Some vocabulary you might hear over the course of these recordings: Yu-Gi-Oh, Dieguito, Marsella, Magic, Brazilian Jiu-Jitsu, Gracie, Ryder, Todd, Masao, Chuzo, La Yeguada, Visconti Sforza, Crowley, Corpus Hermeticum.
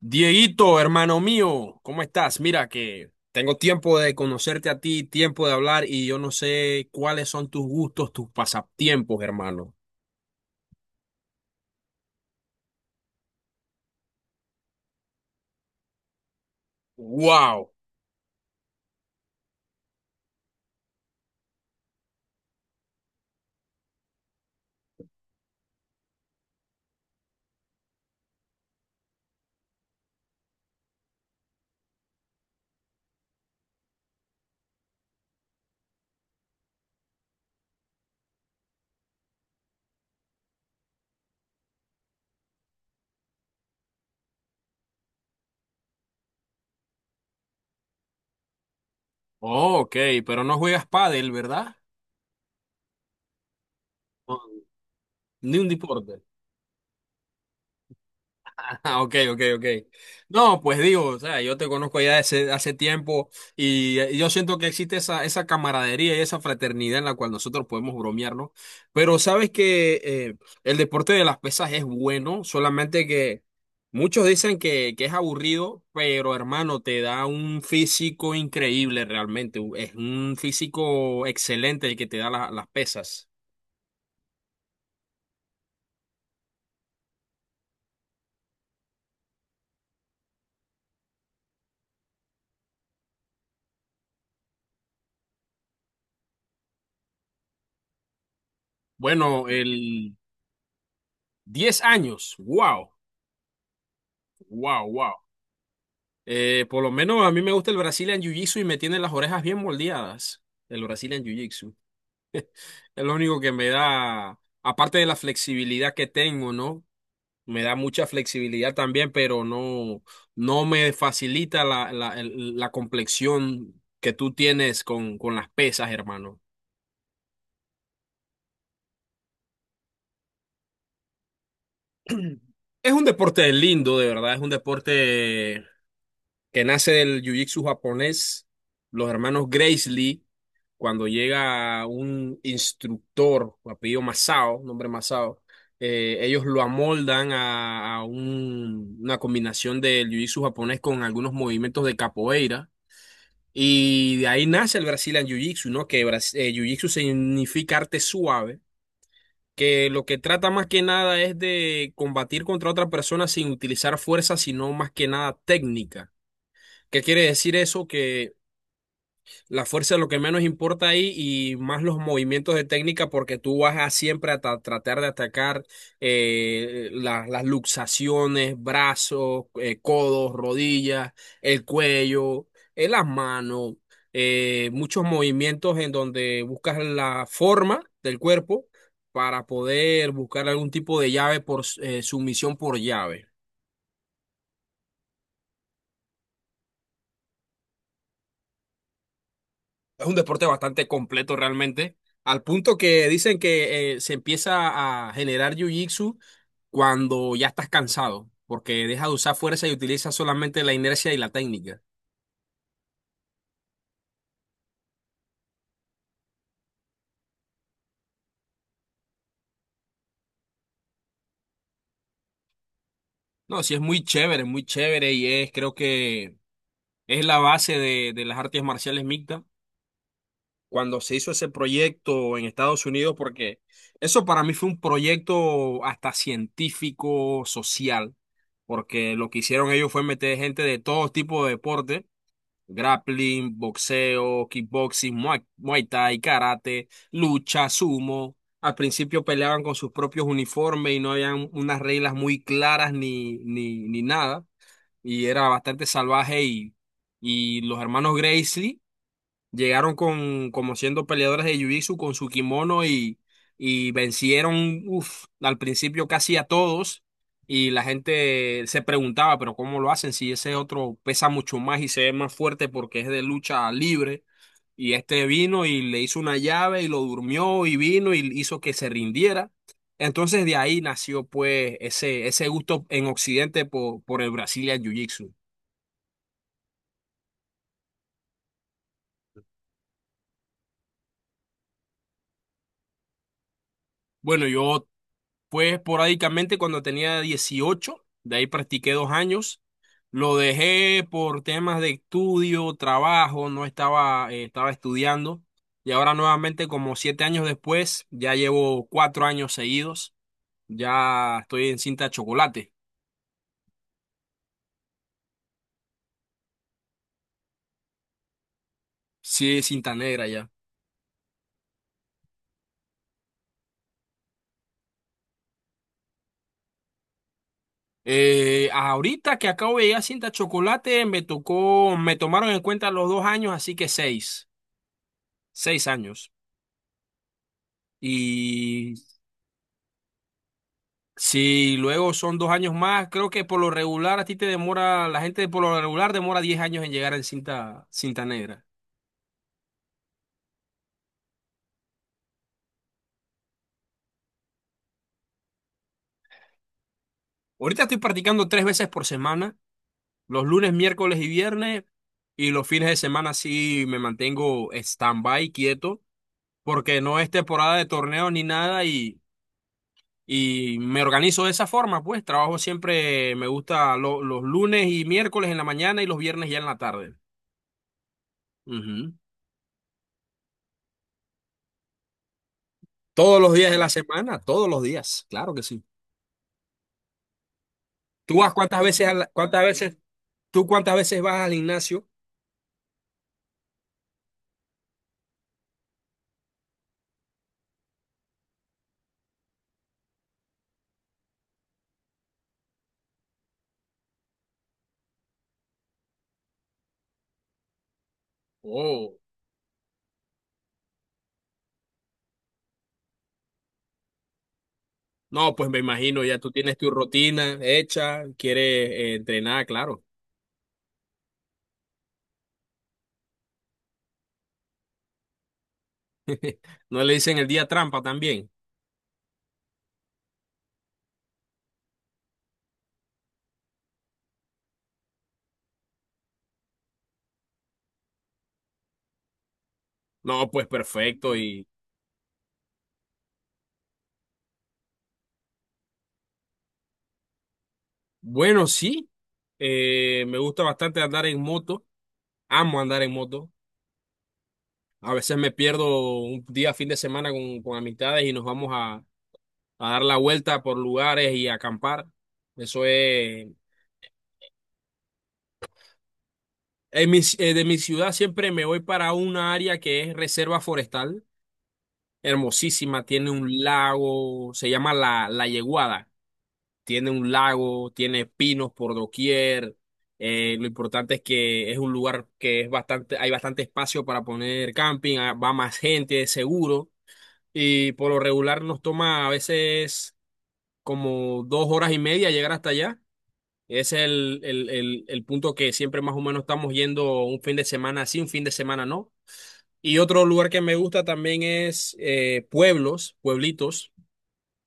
Dieguito, hermano mío, ¿cómo estás? Mira que tengo tiempo de conocerte a ti, tiempo de hablar y yo no sé cuáles son tus gustos, tus pasatiempos, hermano. Wow. Oh, ok, pero no juegas pádel, ¿verdad? No. Ni un deporte. Ah, ok, ok, ok. No, pues digo, o sea, yo te conozco ya hace tiempo y, yo siento que existe esa camaradería y esa fraternidad en la cual nosotros podemos bromearnos. Pero sabes que el deporte de las pesas es bueno, solamente que muchos dicen que es aburrido, pero hermano, te da un físico increíble realmente. Es un físico excelente el que te da las pesas. Bueno, el 10 años, wow, wow, wow. Por lo menos a mí me gusta el Brazilian Jiu-Jitsu y me tiene las orejas bien moldeadas. El Brazilian Jiu-Jitsu. Es lo único que me da, aparte de la flexibilidad que tengo, ¿no? Me da mucha flexibilidad también, pero no, no me facilita la complexión que tú tienes con las pesas, hermano. Es un deporte lindo, de verdad. Es un deporte que nace del Jiu-Jitsu japonés. Los hermanos Gracie Lee, cuando llega un instructor, apellido Masao, nombre Masao, ellos lo amoldan a una combinación del jiu-jitsu japonés con algunos movimientos de capoeira. Y de ahí nace el Brazilian Jiu-Jitsu, ¿no? Que Jiu-Jitsu significa arte suave, que lo que trata más que nada es de combatir contra otra persona sin utilizar fuerza, sino más que nada técnica. ¿Qué quiere decir eso? Que la fuerza es lo que menos importa ahí y más los movimientos de técnica porque tú vas a siempre a tratar de atacar las luxaciones, brazos, codos, rodillas, el cuello, las manos, muchos movimientos en donde buscas la forma del cuerpo para poder buscar algún tipo de llave por sumisión por llave. Es un deporte bastante completo realmente, al punto que dicen que se empieza a generar jiu-jitsu cuando ya estás cansado, porque deja de usar fuerza y utiliza solamente la inercia y la técnica. No, sí es muy chévere y es, creo que es la base de las artes marciales mixtas. Cuando se hizo ese proyecto en Estados Unidos, porque eso para mí fue un proyecto hasta científico, social, porque lo que hicieron ellos fue meter gente de todo tipo de deportes. Grappling, boxeo, kickboxing, muay thai, karate, lucha, sumo. Al principio peleaban con sus propios uniformes y no habían unas reglas muy claras ni nada. Y era bastante salvaje y los hermanos Gracie llegaron con, como siendo peleadores de Jiu-Jitsu con su kimono y vencieron, uf, al principio casi a todos. Y la gente se preguntaba, pero ¿cómo lo hacen? Si ese otro pesa mucho más y se ve más fuerte porque es de lucha libre. Y este vino y le hizo una llave y lo durmió y vino y hizo que se rindiera. Entonces de ahí nació pues ese gusto en Occidente por el Brazilian Jiu-Jitsu. Bueno, yo fue esporádicamente cuando tenía 18, de ahí practiqué 2 años. Lo dejé por temas de estudio, trabajo, no estaba, estaba estudiando. Y ahora nuevamente, como 7 años después, ya llevo 4 años seguidos. Ya estoy en cinta chocolate. Sí, cinta negra ya. Ahorita que acabo de llegar a cinta chocolate, me tocó, me tomaron en cuenta los 2 años, así que seis años. Y si luego son 2 años más, creo que por lo regular a ti te demora, la gente por lo regular demora 10 años en llegar en cinta negra. Ahorita estoy practicando 3 veces por semana, los lunes, miércoles y viernes, y los fines de semana sí me mantengo stand-by, quieto, porque no es temporada de torneo ni nada y me organizo de esa forma, pues trabajo siempre, me gusta los lunes y miércoles en la mañana y los viernes ya en la tarde. Ujú. Todos los días de la semana, todos los días, claro que sí. ¿Tú vas cuántas veces a la- cuántas veces, tú cuántas veces vas al gimnasio? Oh, no, pues me imagino, ya tú tienes tu rutina hecha, quieres entrenar, claro. ¿No le dicen el día trampa también? No, pues perfecto. Y bueno, sí, me gusta bastante andar en moto, amo andar en moto. A veces me pierdo un día, fin de semana con amistades y nos vamos a dar la vuelta por lugares y a acampar. Eso es. De mi ciudad siempre me voy para una área que es reserva forestal, hermosísima, tiene un lago, se llama La Yeguada, tiene un lago, tiene pinos por doquier, lo importante es que es un lugar que es bastante, hay bastante espacio para poner camping, ah, va más gente, es seguro, y por lo regular nos toma a veces como 2 horas y media llegar hasta allá. Ese es el punto que siempre más o menos estamos yendo un fin de semana sí, un fin de semana no. Y otro lugar que me gusta también es pueblos, pueblitos.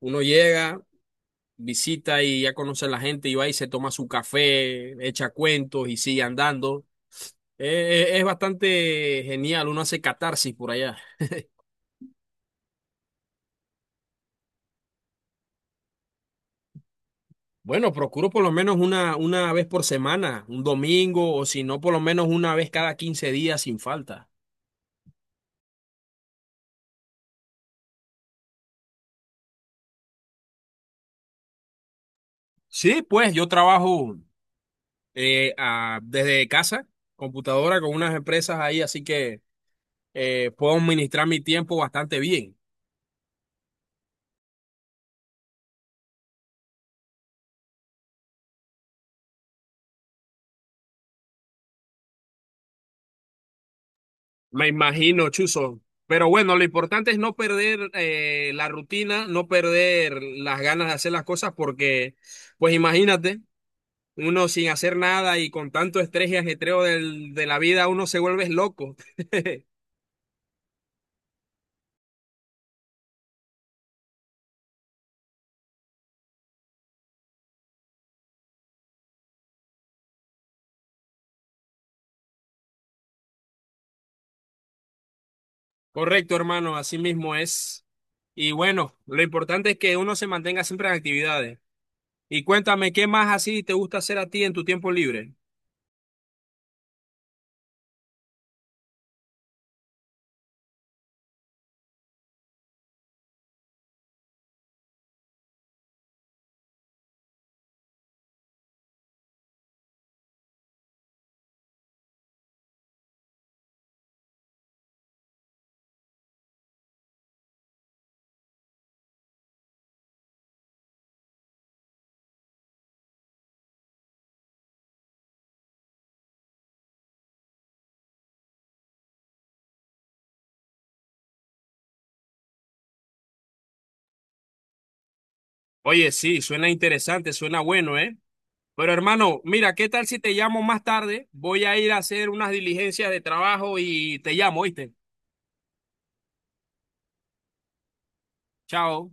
Uno llega, visita y ya conoce a la gente y va y se toma su café, echa cuentos y sigue andando. Es bastante genial, uno hace catarsis por allá. Bueno, procuro por lo menos una vez por semana, un domingo o si no, por lo menos una vez cada 15 días sin falta. Sí, pues yo trabajo desde casa, computadora con unas empresas ahí, así que... puedo administrar mi tiempo bastante bien. Me imagino, Chuzo. Pero bueno, lo importante es no perder la rutina, no perder las ganas de hacer las cosas, porque, pues imagínate, uno sin hacer nada y con tanto estrés y ajetreo de la vida, uno se vuelve loco. Correcto, hermano, así mismo es. Y bueno, lo importante es que uno se mantenga siempre en actividades. Y cuéntame, ¿qué más así te gusta hacer a ti en tu tiempo libre? Oye, sí, suena interesante, suena bueno, ¿eh? Pero hermano, mira, ¿qué tal si te llamo más tarde? Voy a ir a hacer unas diligencias de trabajo y te llamo, ¿oíste? Chao.